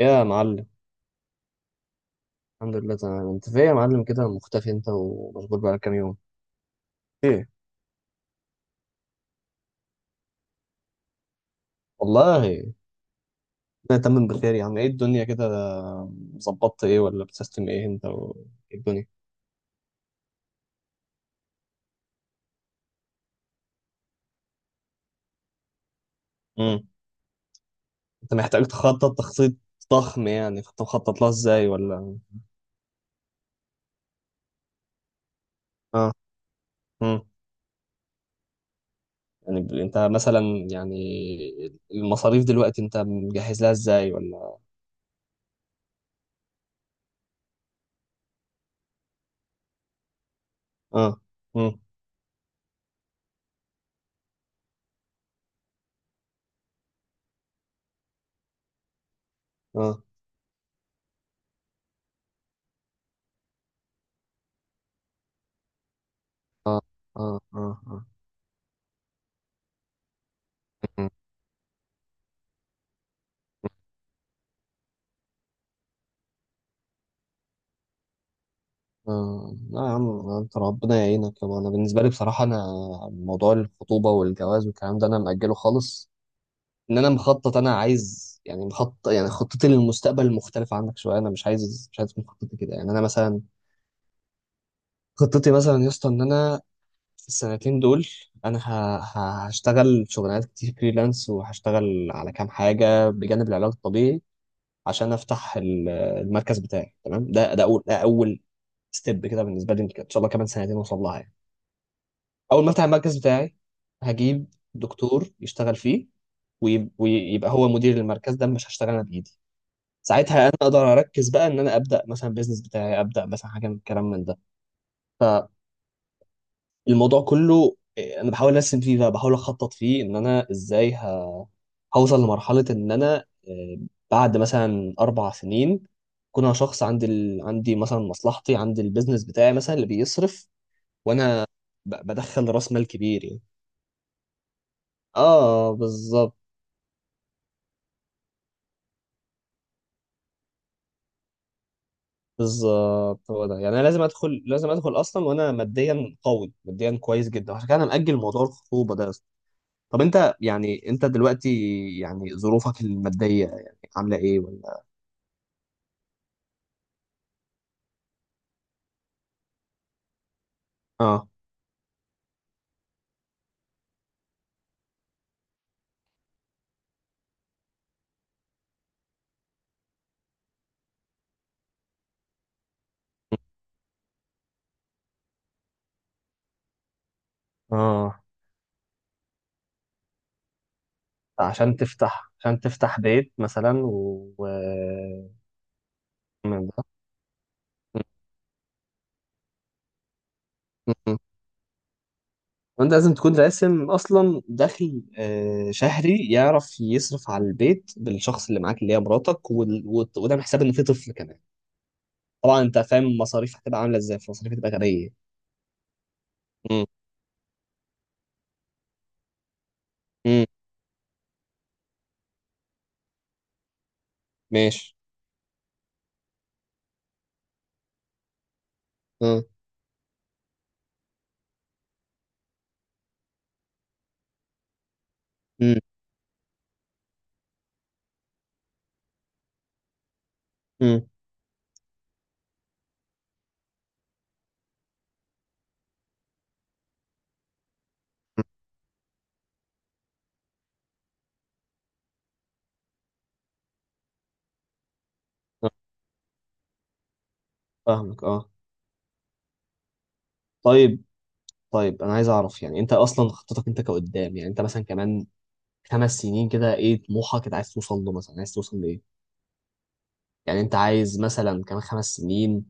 يا معلم، الحمد لله تمام. انت فين يا معلم كده مختفي؟ انت ومشغول بقالك كام يوم؟ ايه؟ والله انا تمام بخير يا عم. ايه الدنيا كده؟ ظبطت ايه ولا بتسيستم ايه انت و... ايه الدنيا؟ امم، انت محتاج تخطط تخطيط ضخم يعني. كنت مخطط لها ازاي ولا؟ اه، امم، يعني انت مثلا يعني المصاريف دلوقتي انت مجهز لها ازاي ولا؟ اه، امم، اه اه اه، اه اه، آه، لا يا عم انت ربنا يعينك يابا. انا بالنسبه لي بصراحه، انا موضوع الخطوبه والجواز والكلام ده انا مأجله خالص. ان انا مخطط، انا عايز يعني، مخطط يعني خطتي للمستقبل مختلفه عنك شويه. انا مش عايز، مش عايز تكون خطتي كده يعني. انا مثلا خطتي مثلا يا اسطى ان انا في السنتين دول، انا هشتغل شغلانات كتير فريلانس، وهشتغل على كام حاجه بجانب العلاج الطبيعي عشان افتح المركز بتاعي. تمام، ده اول ستيب كده بالنسبه لي. ان شاء الله كمان سنتين اوصل لها يعني. اول ما افتح المركز بتاعي هجيب دكتور يشتغل فيه، ويبقى هو مدير المركز ده، مش هشتغل انا بايدي. ساعتها انا اقدر اركز بقى ان انا ابدا مثلا بيزنس بتاعي، ابدا مثلا حاجه من الكلام من ده. فالموضوع كله إيه، انا بحاول ارسم فيه بقى، بحاول اخطط فيه ان انا ازاي هوصل لمرحله ان انا إيه، بعد مثلا اربع سنين اكون انا شخص عندي ال... عندي مثلا مصلحتي، عندي البيزنس بتاعي مثلا اللي بيصرف، وانا بدخل راس مال كبير يعني. اه بالظبط، بالظبط. هو ده يعني، انا لازم ادخل، لازم ادخل اصلا وانا ماديا قوي، ماديا كويس جدا. عشان كده انا مأجل موضوع الخطوبه ده أصلاً. طب انت يعني، انت دلوقتي يعني ظروفك الماديه يعني عامله ايه ولا؟ اه، اه عشان تفتح، عشان تفتح بيت مثلا و و- من ده. م- م- م. وانت لازم تكون راسم اصلا دخل شهري يعرف يصرف على البيت، بالشخص اللي معاك اللي هي مراتك، وده حساب ان في طفل كمان. طبعا انت فاهم المصاريف هتبقى عامله ازاي. المصاريف هتبقى غبيه. امم، امم، ماشي، اه، امم، امم، آه، فاهمك اه. طيب، طيب انا عايز اعرف يعني، انت اصلا خطتك انت كقدام يعني، انت مثلا كمان خمس سنين كده ايه طموحك؟ انت عايز توصل له مثلا، عايز توصل لايه؟ يعني انت عايز مثلا كمان خمس سنين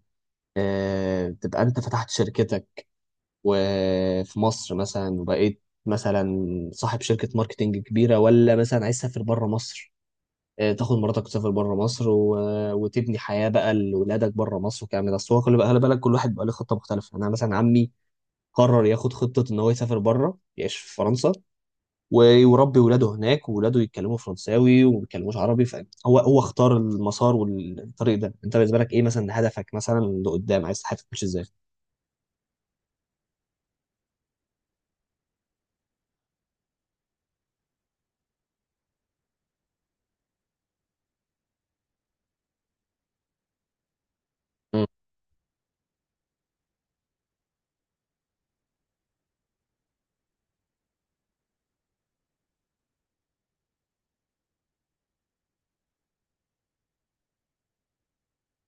آه، تبقى انت فتحت شركتك وفي مصر مثلا، وبقيت مثلا صاحب شركة ماركتينج كبيرة، ولا مثلا عايز تسافر بره مصر، آه، تاخد مراتك وتسافر بره مصر و... وتبني حياه بقى لولادك بره مصر والكلام ده؟ بس هو خلي بقى، خلي بالك كل واحد بقى له خطه مختلفه. يعني انا مثلا عمي قرر ياخد خطه ان هو يسافر بره، يعيش في فرنسا، ويربي ولاده هناك، وولاده يتكلموا فرنساوي وما بيتكلموش عربي. فهو هو اختار المسار والطريق ده. انت بالنسبه لك ايه مثلا هدفك مثلا لقدام؟ عايز حياتك تمشي ازاي؟ مم.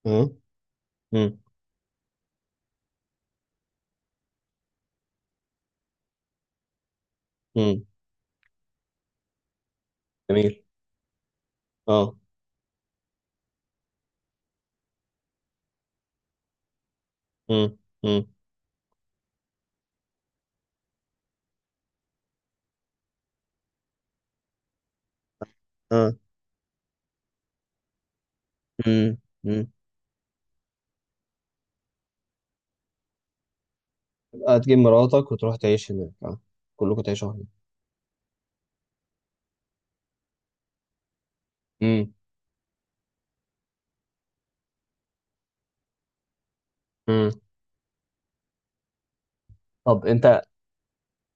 مم. مم. مم. جميل. اه. مم. مم. اه. مم. مم. تبقى تجيب مراتك وتروح تعيش هناك اه. كلكم تعيشوا هناك. مم. طب انت،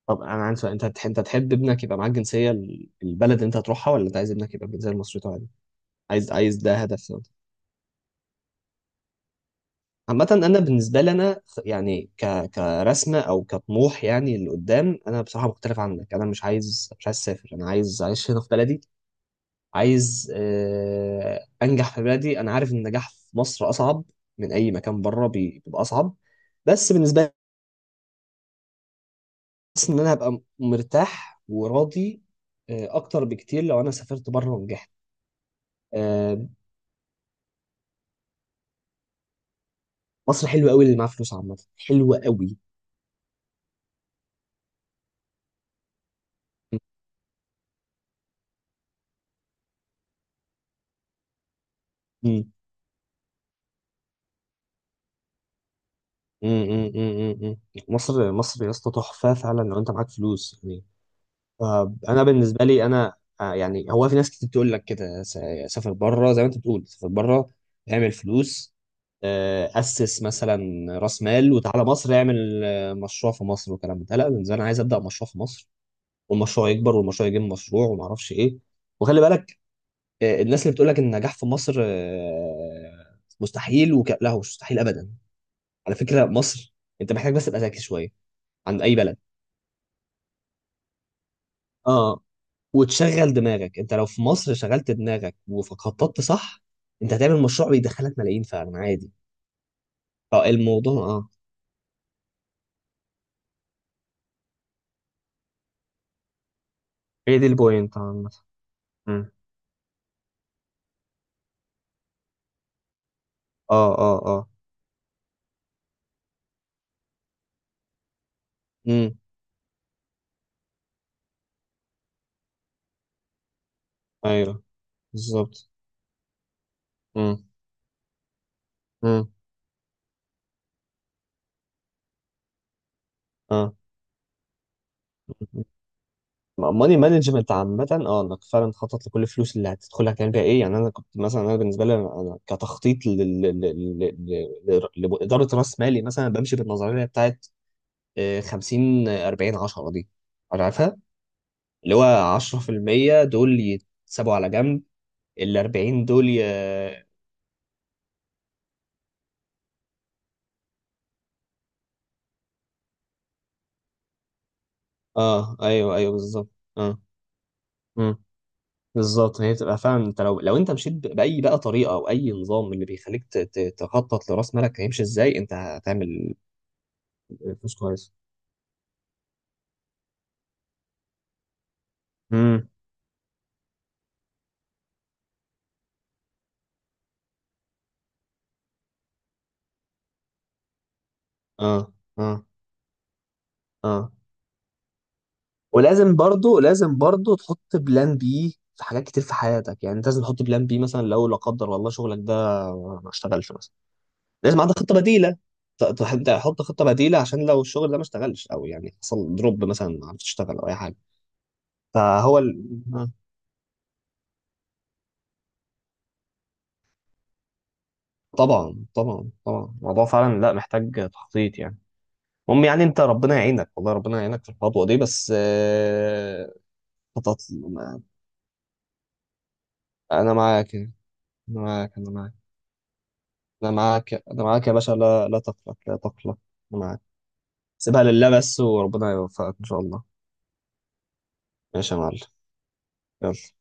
طب انا عندي سؤال. انت انت تحب ابنك يبقى معاك جنسيه البلد اللي انت هتروحها، ولا انت عايز ابنك يبقى بالجنسيه المصريه عادي؟ عايز، عايز، ده هدف عامه. انا بالنسبه لي، انا يعني، ك كرسمه او كطموح يعني اللي قدام، انا بصراحه مختلف عنك. انا مش عايز، مش عايز اسافر. انا عايز اعيش هنا في بلدي. عايز آه، انجح في بلدي. انا عارف ان النجاح في مصر اصعب من اي مكان بره. بيبقى اصعب، بس بالنسبه، حاسس ان انا هبقى مرتاح وراضي آه، اكتر بكتير لو انا سافرت بره ونجحت. آه، مصر حلوه قوي اللي معاه فلوس عامه. حلوه قوي. مم. مم، مم، مم، مم. مصر مصر يا اسطى تحفه فعلا لو انت معاك فلوس يعني. آه، انا بالنسبه لي انا آه، يعني هو في ناس كتير بتقول لك كده سافر بره، زي ما انت بتقول سافر بره، اعمل فلوس، آه، اسس مثلا راس مال وتعالى مصر اعمل آه، مشروع في مصر والكلام ده. لا، بالنسبه لي انا عايز ابدا مشروع في مصر، والمشروع يكبر، والمشروع يجيب مشروع، وما اعرفش ايه. وخلي بالك آه، الناس اللي بتقول لك ان النجاح في مصر آه، مستحيل لا، مش مستحيل ابدا، على فكره. مصر انت محتاج بس تبقى ذكي شويه، عند اي بلد. اه، وتشغل دماغك. انت لو في مصر شغلت دماغك وخططت صح، انت هتعمل مشروع بيدخلك ملايين فعلا عادي. اه، الموضوع اه، هي دي البوينت عامة. مم. اه اه اه. امم. ايوه، بالظبط. امم. امم. اه. ماني مانجمنت عامة، اه، انك فعلا تخطط لكل الفلوس اللي هتدخلها هتعمل بيها ايه. يعني انا كنت مثلا، انا بالنسبة لي، انا كتخطيط لل- لإدارة راس مالي مثلا، بمشي بالنظرية بتاعت آه، 50 آه، 40 10 دي، عارفها؟ اللي هو 10% دول يتسابوا على جنب، ال 40 دول ي... اه، ايوه، ايوه، بالظبط. اه. امم. بالظبط. هي بتبقى فعلا، انت لو انت مشيت باي بقى طريقه او اي نظام اللي بيخليك تخطط لراس مالك هيمشي ازاي، انت هتعمل مش كويس. امم. اه اه اه. ولازم برضو، لازم برضو تحط بلان بي في حاجات كتير في حياتك. يعني انت لازم تحط بلان بي مثلا لو لا قدر والله شغلك ده ما اشتغلش مثلا، لازم عندك خطه بديله. تحط خطه بديله عشان لو الشغل ده ما اشتغلش، او يعني حصل دروب مثلا ما عرفتش تشتغل او اي حاجه. فهو ال... آه. طبعا طبعا طبعا، الموضوع فعلا لا محتاج تخطيط يعني. المهم يعني انت ربنا يعينك والله، ربنا يعينك في الخطوه دي، بس آه، خطط. انا معاك يعني. أنا معاك، أنا معاك. أنا معاك، أنا معاك يا باشا. لا لا تقلق، لا تقلق، أنا معاك. سيبها لله بس وربنا يوفقك إن شاء الله. ماشي يا معلم. يلا.